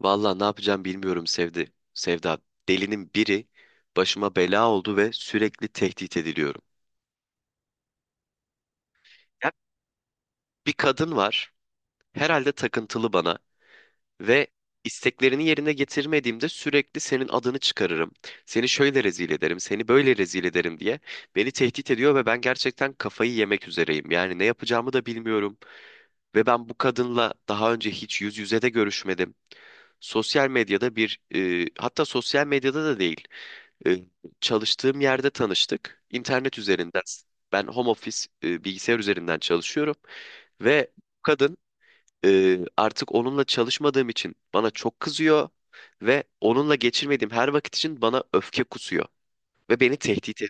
Valla ne yapacağım bilmiyorum Sevda. Delinin biri başıma bela oldu ve sürekli tehdit ediliyorum. Ya, bir kadın var. Herhalde takıntılı bana ve isteklerini yerine getirmediğimde sürekli senin adını çıkarırım. Seni şöyle rezil ederim, seni böyle rezil ederim diye beni tehdit ediyor ve ben gerçekten kafayı yemek üzereyim. Yani ne yapacağımı da bilmiyorum ve ben bu kadınla daha önce hiç yüz yüze de görüşmedim. Sosyal medyada bir, hatta sosyal medyada da değil. E, Çalıştığım yerde tanıştık. İnternet üzerinden. Ben home office bilgisayar üzerinden çalışıyorum ve kadın artık onunla çalışmadığım için bana çok kızıyor ve onunla geçirmediğim her vakit için bana öfke kusuyor ve beni tehdit.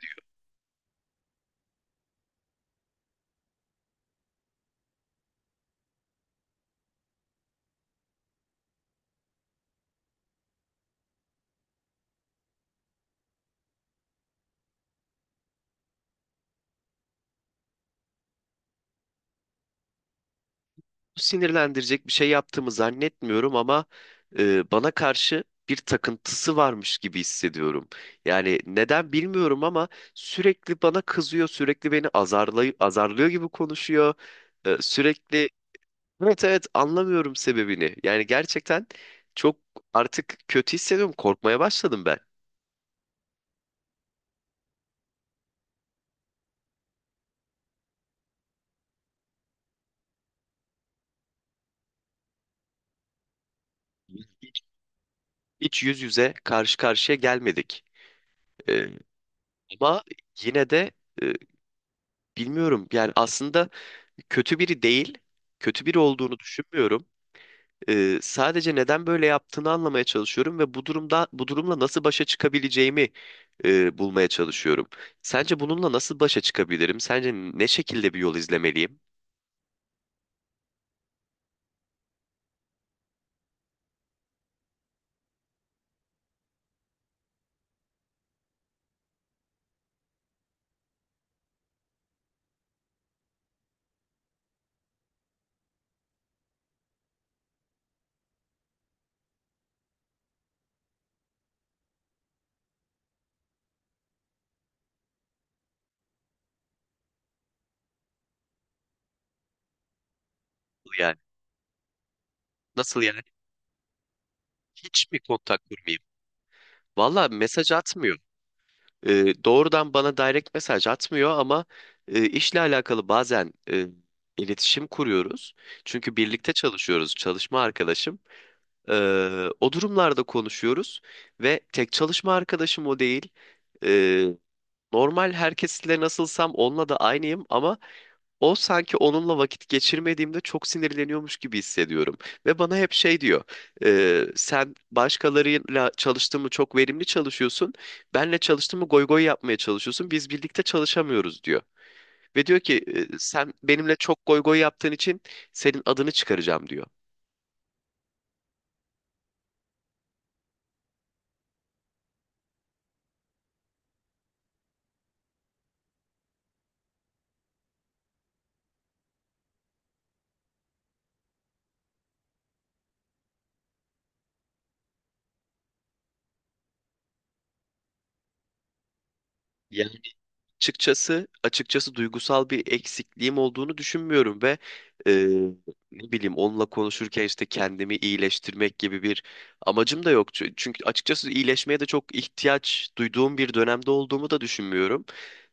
Sinirlendirecek bir şey yaptığımı zannetmiyorum ama bana karşı bir takıntısı varmış gibi hissediyorum. Yani neden bilmiyorum ama sürekli bana kızıyor, sürekli beni azarlıyor gibi konuşuyor. Sürekli. Evet, evet, anlamıyorum sebebini. Yani gerçekten çok artık kötü hissediyorum, korkmaya başladım ben. Hiç yüz yüze karşı karşıya gelmedik. E, Ama yine de e, bilmiyorum yani aslında kötü biri değil, kötü biri olduğunu düşünmüyorum. Sadece neden böyle yaptığını anlamaya çalışıyorum ve bu durumla nasıl başa çıkabileceğimi bulmaya çalışıyorum. Sence bununla nasıl başa çıkabilirim? Sence ne şekilde bir yol izlemeliyim? Yani nasıl yani? Hiç mi kontak kurmayayım? Valla mesaj atmıyor. Doğrudan bana direkt mesaj atmıyor ama işle alakalı bazen iletişim kuruyoruz. Çünkü birlikte çalışıyoruz, çalışma arkadaşım. O durumlarda konuşuyoruz ve tek çalışma arkadaşım o değil. Ee, Normal herkesle nasılsam onunla da aynıyım ama o sanki onunla vakit geçirmediğimde çok sinirleniyormuş gibi hissediyorum. Ve bana hep şey diyor, Sen başkalarıyla çalıştığın mı çok verimli çalışıyorsun, benle çalıştığın mı goy goy yapmaya çalışıyorsun, biz birlikte çalışamıyoruz," diyor. Ve diyor ki, Sen benimle çok goy goy yaptığın için senin adını çıkaracağım," diyor. Açıkçası, duygusal bir eksikliğim olduğunu düşünmüyorum ve eee, ne bileyim onunla konuşurken işte kendimi iyileştirmek gibi bir amacım da yok. Çünkü açıkçası iyileşmeye de çok ihtiyaç duyduğum bir dönemde olduğumu da düşünmüyorum.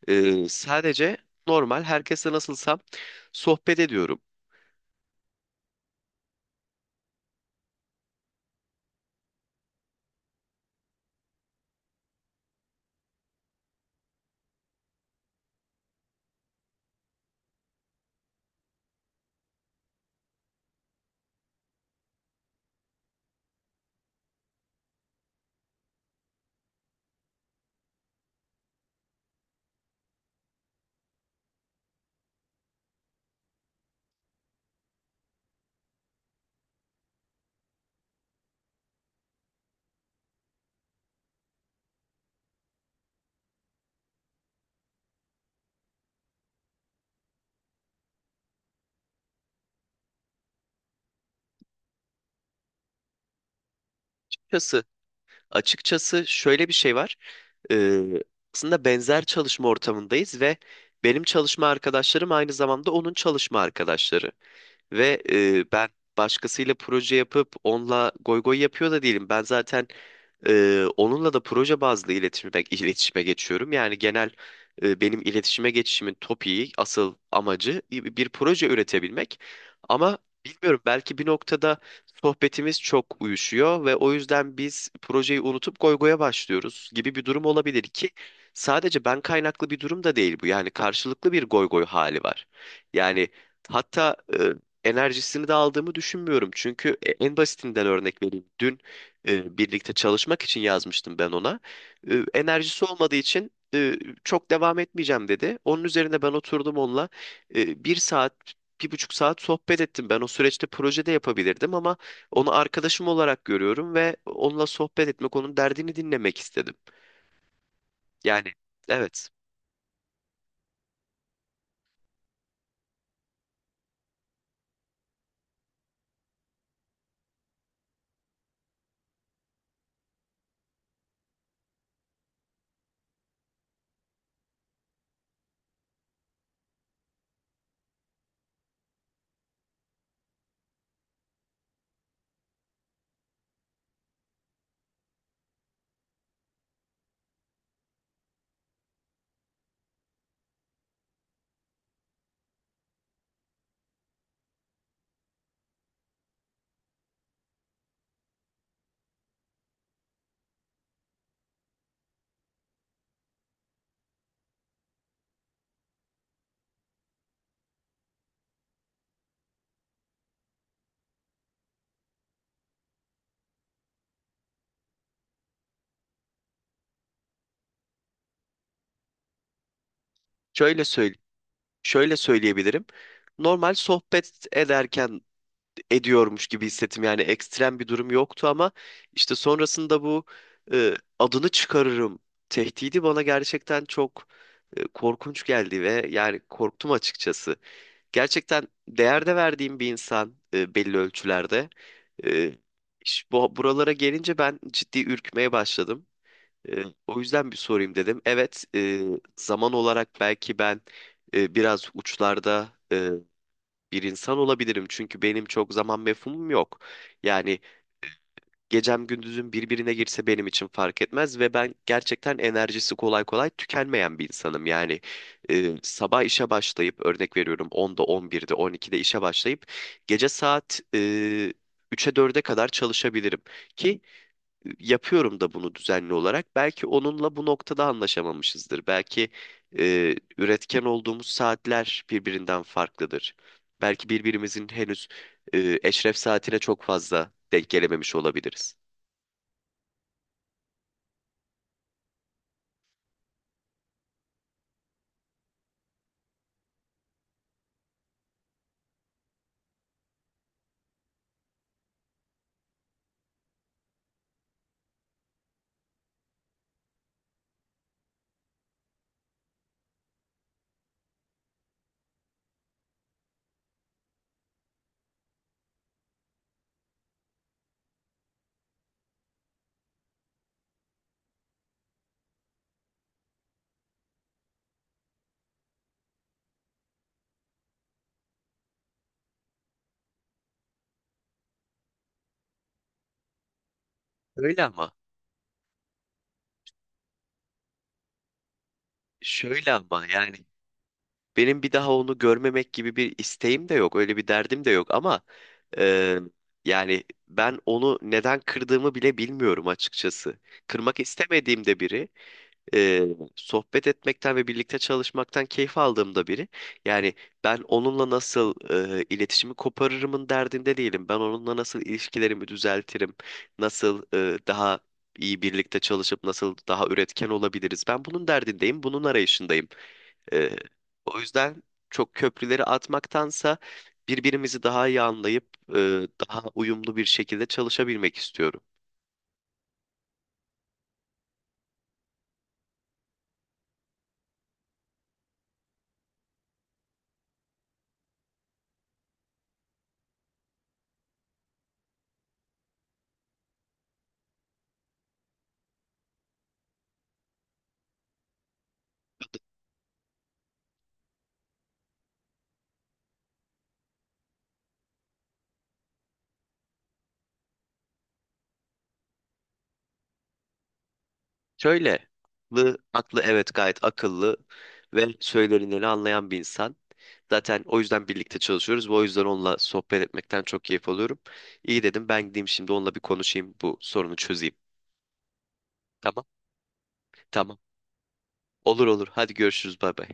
Sadece normal herkese nasılsam sohbet ediyorum. Açıkçası, açıkçası, şöyle bir şey var. Eee, Aslında benzer çalışma ortamındayız ve benim çalışma arkadaşlarım aynı zamanda onun çalışma arkadaşları. Ve ben başkasıyla proje yapıp onunla goy goy yapıyor da değilim. Ben zaten onunla da proje bazlı iletişime geçiyorum. Yani genel benim iletişime geçişimin topiği, asıl amacı bir proje üretebilmek. Ama bilmiyorum, belki bir noktada sohbetimiz çok uyuşuyor ve o yüzden biz projeyi unutup goygoya başlıyoruz gibi bir durum olabilir ki sadece ben kaynaklı bir durum da değil bu. Yani karşılıklı bir goygoy hali var. Yani hatta enerjisini de aldığımı düşünmüyorum. Çünkü en basitinden örnek vereyim. Dün birlikte çalışmak için yazmıştım ben ona. Enerjisi olmadığı için çok devam etmeyeceğim dedi. Onun üzerine ben oturdum onunla bir saat, bir buçuk saat sohbet ettim. Ben o süreçte projede yapabilirdim ama onu arkadaşım olarak görüyorum ve onunla sohbet etmek, onun derdini dinlemek istedim. Yani evet, şöyle söyle, şöyle söyleyebilirim. Normal sohbet ediyormuş gibi hissettim. Yani ekstrem bir durum yoktu ama işte sonrasında bu e, adını çıkarırım tehdidi bana gerçekten çok korkunç geldi ve yani korktum açıkçası. Gerçekten değerde verdiğim bir insan belli ölçülerde. E, Buralara gelince ben ciddi ürkmeye başladım. O yüzden bir sorayım dedim. Evet, zaman olarak belki ben biraz uçlarda bir insan olabilirim. Çünkü benim çok zaman mefhumum yok. Yani gecem gündüzüm birbirine girse benim için fark etmez ve ben gerçekten enerjisi kolay kolay tükenmeyen bir insanım. Yani sabah işe başlayıp örnek veriyorum 10'da 11'de 12'de işe başlayıp gece saat 3'e 4'e kadar çalışabilirim ki yapıyorum da bunu düzenli olarak. Belki onunla bu noktada anlaşamamışızdır. Belki üretken olduğumuz saatler birbirinden farklıdır. Belki birbirimizin henüz eşref saatine çok fazla denk gelememiş olabiliriz. Öyle ama, şöyle ama, yani benim bir daha onu görmemek gibi bir isteğim de yok, öyle bir derdim de yok ama e, yani ben onu neden kırdığımı bile bilmiyorum açıkçası. Kırmak istemediğim de biri. e, Sohbet etmekten ve birlikte çalışmaktan keyif aldığımda biri. Yani ben onunla nasıl iletişimi koparırımın derdinde değilim. Ben onunla nasıl ilişkilerimi düzeltirim, nasıl daha iyi birlikte çalışıp nasıl daha üretken olabiliriz. Ben bunun derdindeyim, bunun arayışındayım. E, O yüzden çok köprüleri atmaktansa birbirimizi daha iyi anlayıp daha uyumlu bir şekilde çalışabilmek istiyorum. Şöyle, aklı, evet gayet akıllı ve söylenileni anlayan bir insan. Zaten o yüzden birlikte çalışıyoruz ve o yüzden onunla sohbet etmekten çok keyif alıyorum. İyi, dedim ben gideyim şimdi onunla bir konuşayım bu sorunu çözeyim. Tamam, tamam. Olur, olur. Hadi görüşürüz. Bay bay.